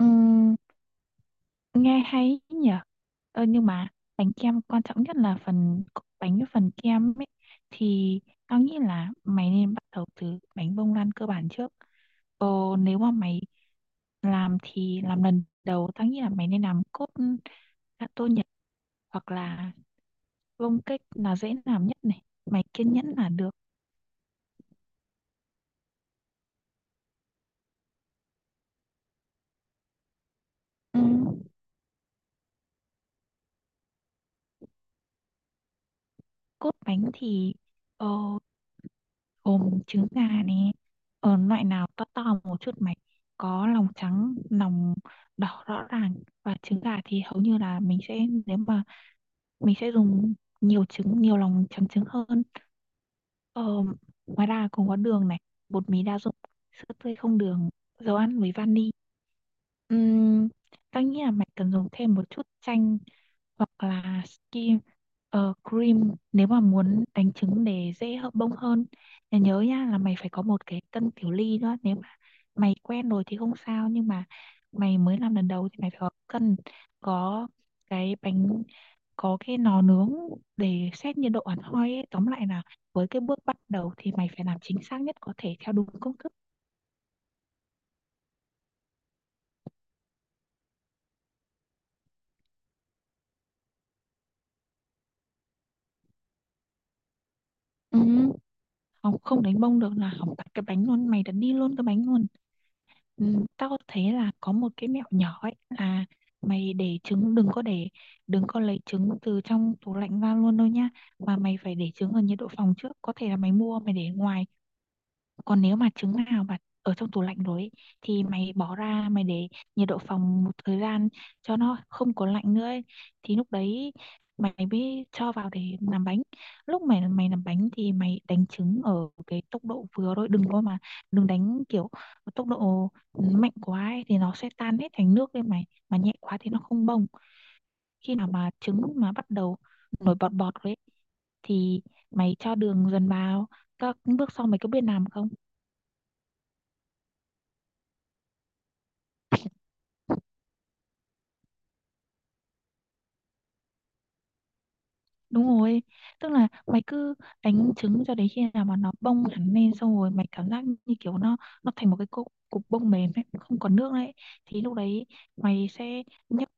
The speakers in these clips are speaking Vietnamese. Ừm, nghe hay ý nhỉ. Nhưng mà bánh kem quan trọng nhất là phần bánh với phần kem ấy, thì tao nghĩ là mày nên bắt đầu từ bánh bông lan cơ bản trước. ờ, Nếu mà mày làm thì làm lần đầu, tao nghĩ là mày nên làm cốt gato Nhật, hoặc là bông cake là dễ làm nhất. Này, mày kiên nhẫn là được. Ừm, Cốt bánh thì ờ, gồm trứng gà này, ở loại nào to to một chút. Mày có lòng trắng, lòng đỏ rõ ràng, và trứng gà thì hầu như là mình sẽ, nếu mà, mình sẽ dùng nhiều trứng, nhiều lòng trắng trứng hơn. ờ, Ngoài ra còn có đường này, bột mì đa dụng, sữa tươi không đường, dầu ăn với vani. Ừm, Tao nghĩ là mày cần dùng thêm một chút chanh, hoặc là skin, cream nếu mà muốn đánh trứng để dễ hợp bông hơn. Và nhớ nha, là mày phải có một cái cân tiểu ly nữa. Nếu mà mày quen rồi thì không sao, nhưng mà mày mới làm lần đầu thì mày phải có cân, có cái bánh, có cái lò nướng để xét nhiệt độ hẳn hoi ấy. Tóm lại là với cái bước bắt đầu thì mày phải làm chính xác nhất có thể theo đúng công thức. Ừ. Học không đánh bông được là học tắt cái bánh luôn, mày đặt đi luôn cái bánh luôn. Ừ, tao thấy là có một cái mẹo nhỏ ấy, là mày để trứng, đừng có để, đừng có lấy trứng từ trong tủ lạnh ra luôn đâu nhá, mà mày phải để trứng ở nhiệt độ phòng trước. Có thể là mày mua mày để ngoài, còn nếu mà trứng nào mà ở trong tủ lạnh rồi ấy, thì mày bỏ ra mày để nhiệt độ phòng một thời gian cho nó không có lạnh nữa ấy. Thì lúc đấy mày mới cho vào để làm bánh. Lúc mày mày làm bánh thì mày đánh trứng ở cái tốc độ vừa thôi, đừng có mà đừng đánh kiểu tốc độ mạnh quá ấy, thì nó sẽ tan hết thành nước. Lên mày mà nhẹ quá thì nó không bông. Khi nào mà trứng mà bắt đầu nổi bọt bọt rồi ấy, thì mày cho đường dần vào. Các bước sau mày có biết làm không? Đúng rồi, tức là mày cứ đánh trứng cho đến khi nào mà nó bông hẳn lên, xong rồi mày cảm giác như kiểu nó thành một cái cục cục bông mềm ấy, không còn nước đấy. Thì lúc đấy mày sẽ nhấc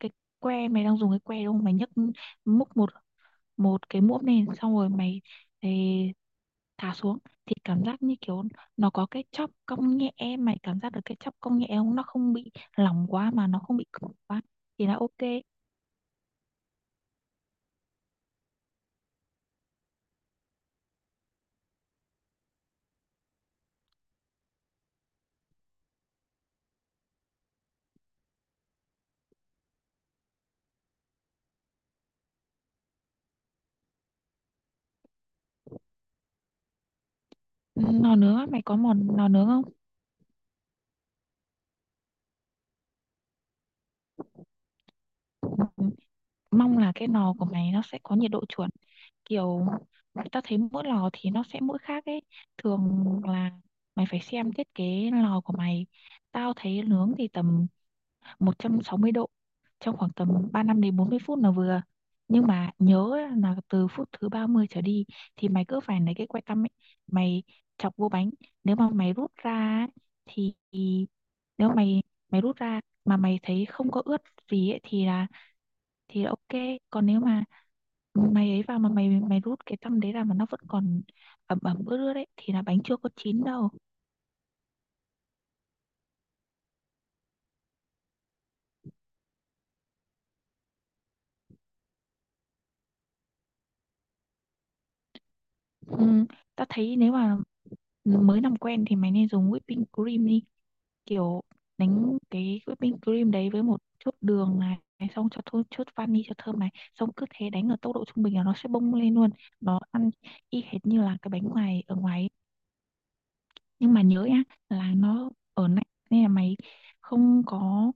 cái que, mày đang dùng cái que đúng không? Mày nhấc múc một một cái muỗng lên, xong rồi mày ấy, thả xuống, thì cảm giác như kiểu nó có cái chóp cong nhẹ. Mày cảm giác được cái chóp cong nhẹ không? Nó không bị lỏng quá mà nó không bị cứng quá, thì là ok. Nò nướng á, mày có món nò nướng không? Mong là cái lò của mày nó sẽ có nhiệt độ chuẩn, kiểu, ta thấy mỗi lò thì nó sẽ mỗi khác ấy. Thường là mày phải xem thiết kế lò của mày. Tao thấy nướng thì tầm 160 độ, trong khoảng tầm 35 đến 40 phút là vừa. Nhưng mà nhớ là từ phút thứ 30 trở đi thì mày cứ phải lấy cái que tăm ấy, mày chọc vô bánh. Nếu mà mày rút ra ấy, thì nếu mày mày rút ra mà mày thấy không có ướt gì ấy, thì là, thì là ok. Còn nếu mà mày ấy vào mà mày mày rút cái tăm đấy ra mà nó vẫn còn ẩm ẩm ướt ướt đấy, thì là bánh chưa có chín đâu. Ừ, ta thấy nếu mà mới làm quen thì mày nên dùng whipping cream đi. Kiểu đánh cái whipping cream đấy với một chút đường này, xong cho thôi chút vani cho thơm này, xong cứ thế đánh ở tốc độ trung bình là nó sẽ bung lên luôn. Nó ăn y hệt như là cái bánh ngoài, ở ngoài ấy. Nhưng mà nhớ nhá, là nó ở lạnh nên là mày không có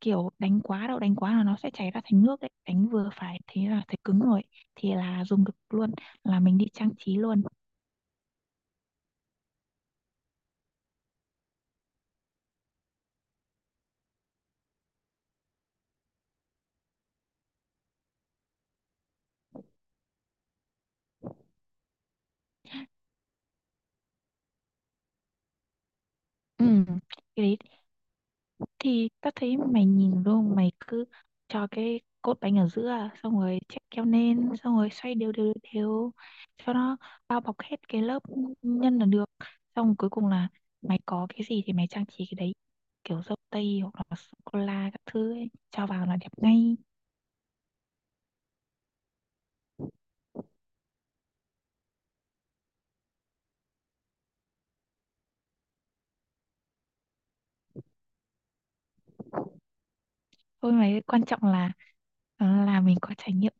kiểu đánh quá đâu. Đánh quá là nó sẽ chảy ra thành nước đấy. Đánh vừa phải thế là thấy cứng rồi, thì là dùng được luôn, là mình đi trang trí luôn. Ừ. Cái đấy thì ta thấy mày nhìn luôn, mày cứ cho cái cốt bánh ở giữa, xong rồi chạy keo lên, xong rồi xoay đều đều đều cho nó bao bọc hết cái lớp nhân là được. Xong cuối cùng là mày có cái gì thì mày trang trí cái đấy, kiểu dâu tây hoặc là sô cô la các thứ ấy, cho vào là đẹp ngay. Thôi mà, quan trọng là là mình có trải nghiệm.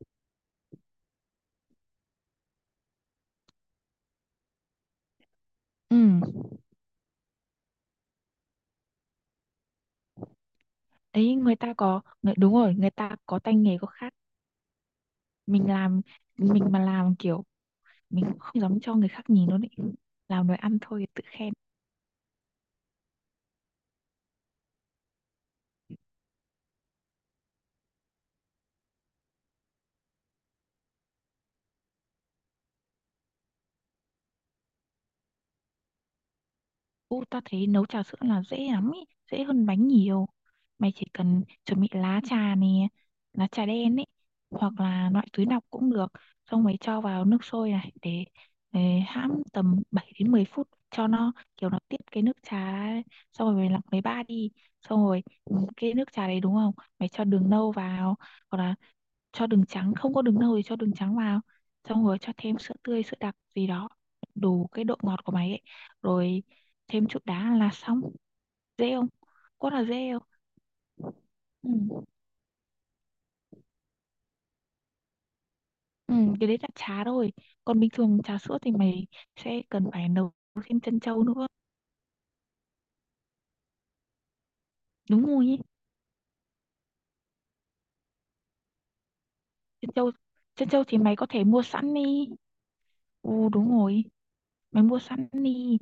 Ừ, đấy, người ta có đúng rồi, người ta có tay nghề có khác. Mình làm, mình mà làm kiểu, mình không dám cho người khác nhìn luôn ấy. Làm đồ ăn thôi tự khen. Ô, ta thấy nấu trà sữa là dễ lắm ý, dễ hơn bánh nhiều. Mày chỉ cần chuẩn bị lá trà nè, lá trà đen ấy, hoặc là loại túi lọc cũng được. Xong mày cho vào nước sôi này, để hãm tầm 7 đến 10 phút cho nó kiểu nó tiết cái nước trà ra ấy. Xong rồi mày lọc lấy ba đi. Xong rồi, ừ, cái nước trà đấy đúng không? Mày cho đường nâu vào, hoặc là cho đường trắng, không có đường nâu thì cho đường trắng vào, xong rồi cho thêm sữa tươi, sữa đặc gì đó đủ cái độ ngọt của mày ấy, rồi thêm chút đá là xong. Dễ không? Quá là dễ không? Ừ. Ừ, cái đấy là trà thôi, còn bình thường trà sữa thì mày sẽ cần phải nấu thêm trân châu nữa. Đúng rồi ý. Trân châu, trân châu thì mày có thể mua sẵn đi. Ừ, đúng rồi, mày mua sẵn đi.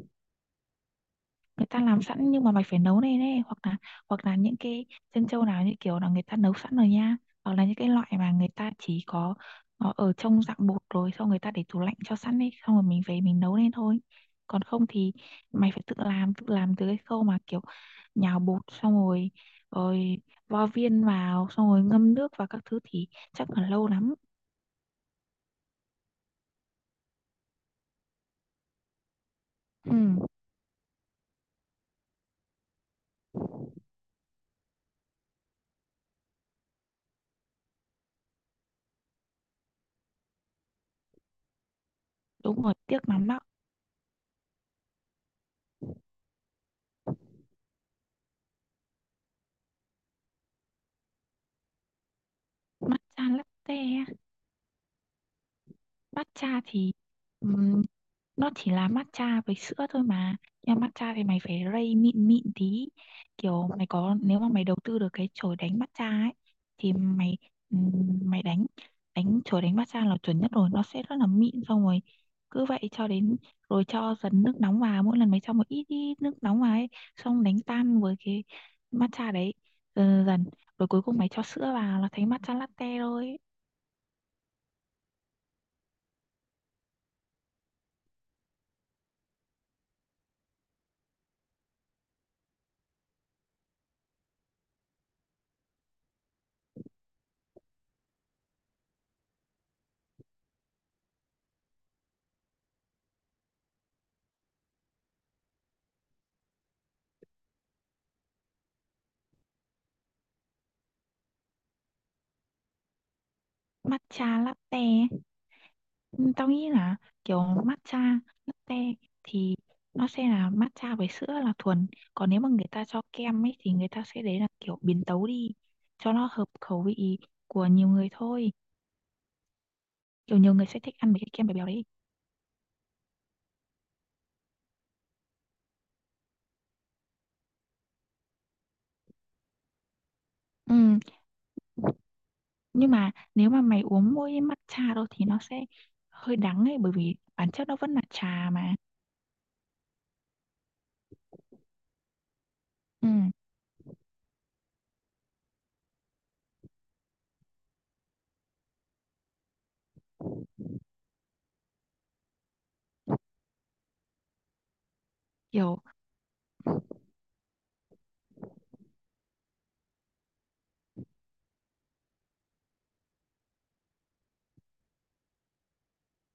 Người ta làm sẵn nhưng mà mày phải nấu lên đấy, hoặc là những cái chân trâu nào như kiểu là người ta nấu sẵn rồi nha, hoặc là những cái loại mà người ta chỉ có nó ở trong dạng bột, rồi xong người ta để tủ lạnh cho sẵn ấy, xong rồi mình về mình nấu lên thôi. Còn không thì mày phải tự làm, tự làm từ cái khâu mà kiểu nhào bột, xong rồi rồi vo viên vào, xong rồi ngâm nước và các thứ thì chắc là lâu lắm. Ừ, đúng rồi, tiếc lắm đó. Mắt chan lắm tè. Matcha thì ừm, nó chỉ là matcha với sữa thôi mà. Nhưng mà matcha thì mày phải rây mịn mịn tí. Kiểu mày có, nếu mà mày đầu tư được cái chổi đánh matcha ấy, thì mày, ừm, mày đánh, đánh chổi đánh matcha là chuẩn nhất rồi. Nó sẽ rất là mịn, xong rồi cứ vậy cho đến, rồi cho dần nước nóng vào, mỗi lần mày cho một ít, ít nước nóng vào ấy, xong đánh tan với cái matcha đấy dần dần, rồi cuối cùng mày cho sữa vào là thành matcha latte rồi. Matcha latte. Ừ, tao nghĩ là kiểu matcha, latte thì nó sẽ là matcha với sữa là thuần. Còn nếu mà người ta cho kem ấy thì người ta sẽ, đấy là kiểu biến tấu đi cho nó hợp khẩu vị của nhiều người thôi. Kiểu nhiều người sẽ thích ăn với cái kem béo béo đấy. Ừ, nhưng mà nếu mà mày uống mỗi matcha đâu thì nó sẽ hơi đắng ấy, bởi vì bản chất nó vẫn là trà mà. Ừ, kiểu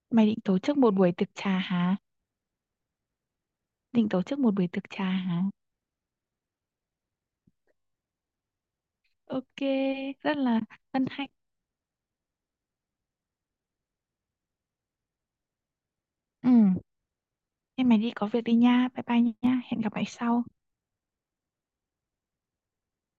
mày định tổ chức một buổi tiệc trà hả? Định tổ chức một buổi tiệc trà hả? Ok, rất là hân hạnh. Ừ. Em mày đi có việc đi nha. Bye bye nha. Hẹn gặp lại sau.